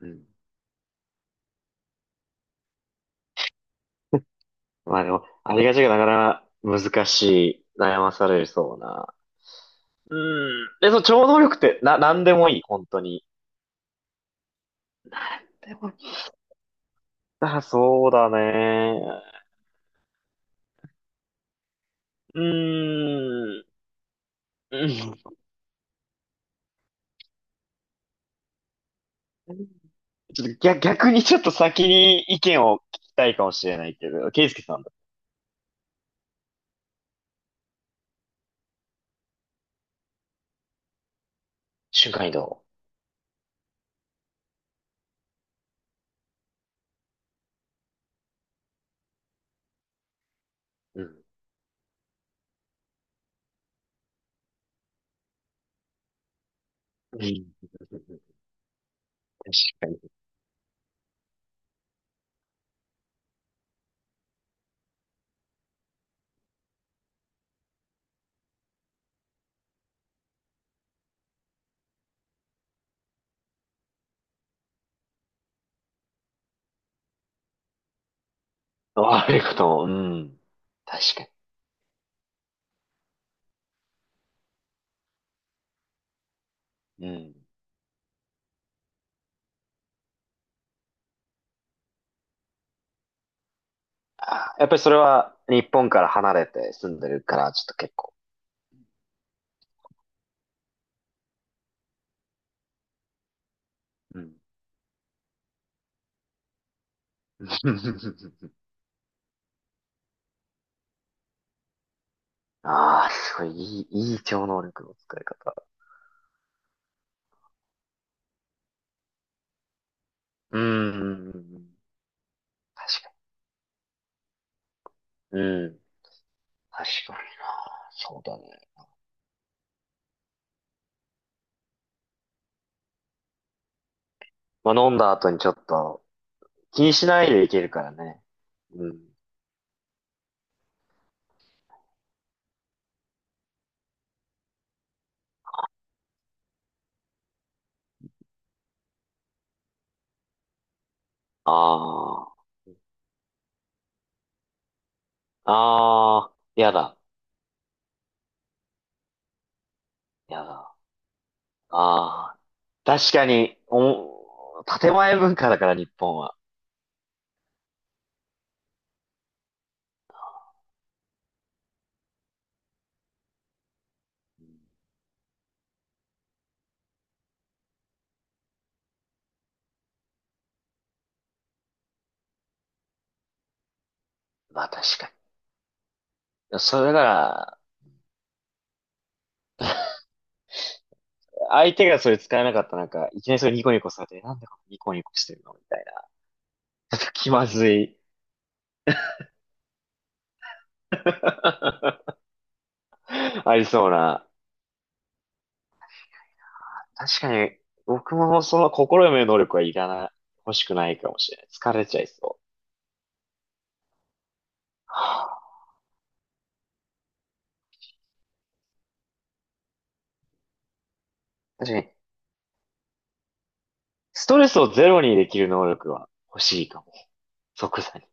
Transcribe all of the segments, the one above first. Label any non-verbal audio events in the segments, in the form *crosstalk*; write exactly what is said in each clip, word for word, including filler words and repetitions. うん。まあでも、ありがちがなかなか難しい、悩まされそうな。うん。で、その超能力って、な、なんでもいい、本当に。でも、あ、そうだね。うーん。うん。ちょっと逆、逆にちょっと先に意見を聞きたいかもしれないけど、ケイスケさんだ。瞬間移動。うん。うん。確かに。悪いことも、うん。確かに。うん。あ、やっぱりそれは日本から離れて住んでるから、ちょっと結構うん。*laughs* ああ、すごい、いい、いい超能力の使い方。うん。うん、確かに、うん。確かにな。そうだね。まあ、飲んだ後にちょっと気にしないでいけるからね。うん。ああ、ああ、やだ、やだ。ああ、確かに、お、建前文化だから日本は。まあ確かに。それだから、相手がそれ使えなかったらなんか、いきなりそれニコニコされて、なんでこのニコニコしてるのみたいな。*laughs* ちょっと気まずい。*laughs* ありそうな。確かに、僕もその心読める能力はいらない、欲しくないかもしれない。疲れちゃいそう。はあ。確かに、ストレスをゼロにできる能力は欲しいかも。即座に。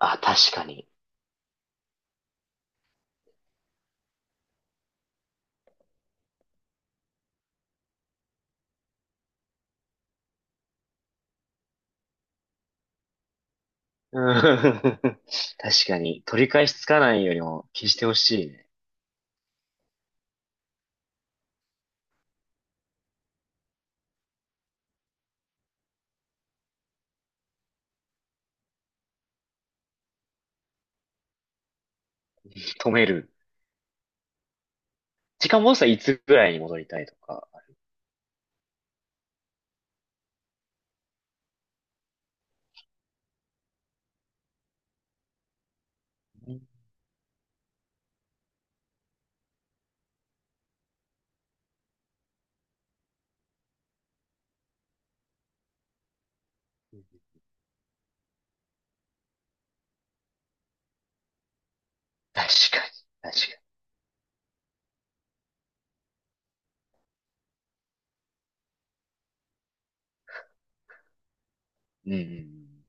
あ、確かに。うん。 *laughs* 確かに、取り返しつかないよりも消してほしいね。止める。時間もしたらいつぐらいに戻りたいとか。うん。確かに、確かに。うん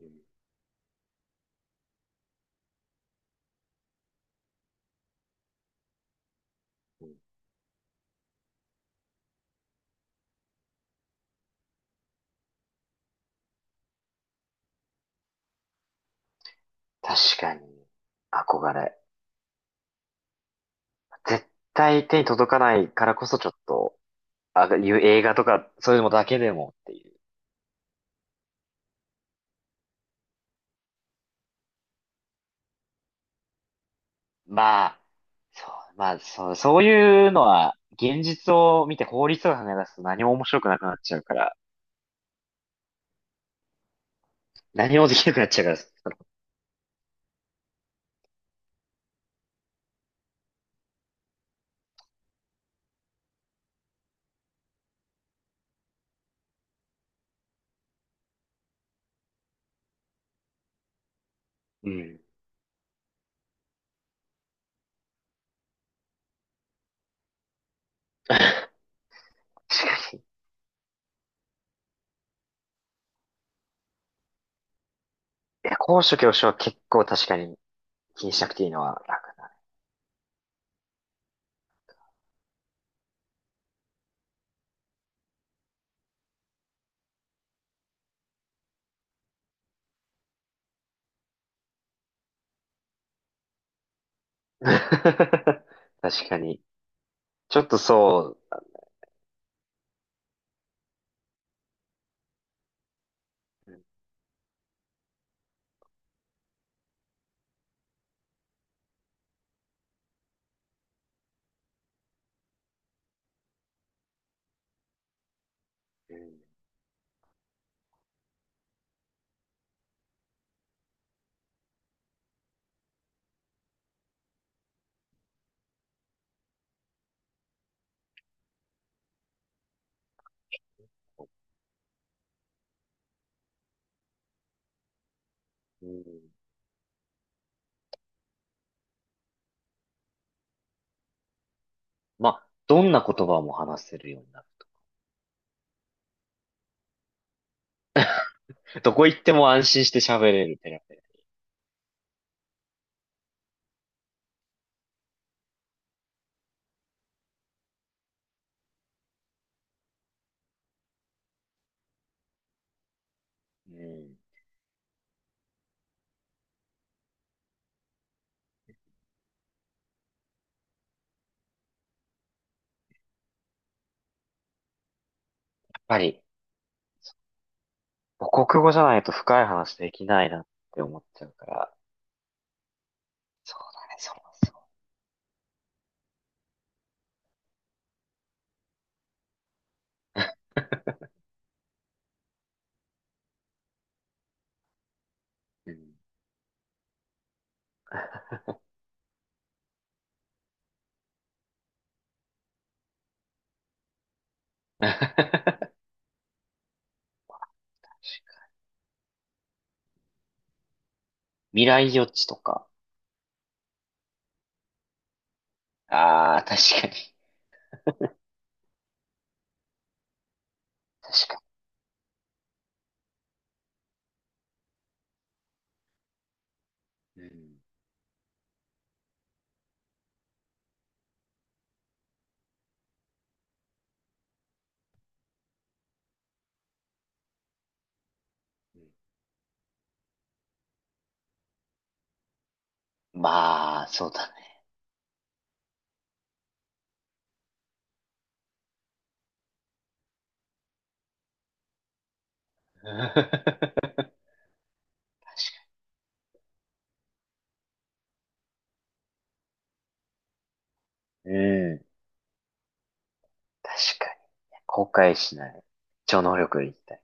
うんうん。確かに、憧れ。絶対手に届かないからこそちょっと、あ、いう映画とか、そういうのだけでもっていう。まあ、そう、まあ、そう、そういうのは、現実を見て法律を考え出すと何も面白くなくなっちゃうから、何もできなくなっちゃうから、そのうん。*laughs* 確かに。いや、高所恐怖症は結構確かに気にしなくていいのは楽だね。*laughs* 確かに。ちょっとそう、うんうん。まあ、どんな言葉も話せるようになる。どこ行っても安心して喋れるってな。うん。やっぱり、母国語じゃないと深い話できないなって思っちゃうから。そうだね、そうそう。うん。*laughs* 未来予知とか。ああ、確かに。確かに。うん。まあ、そうだね。*laughs* うん。確かにね。後悔しない。超能力でいきたい。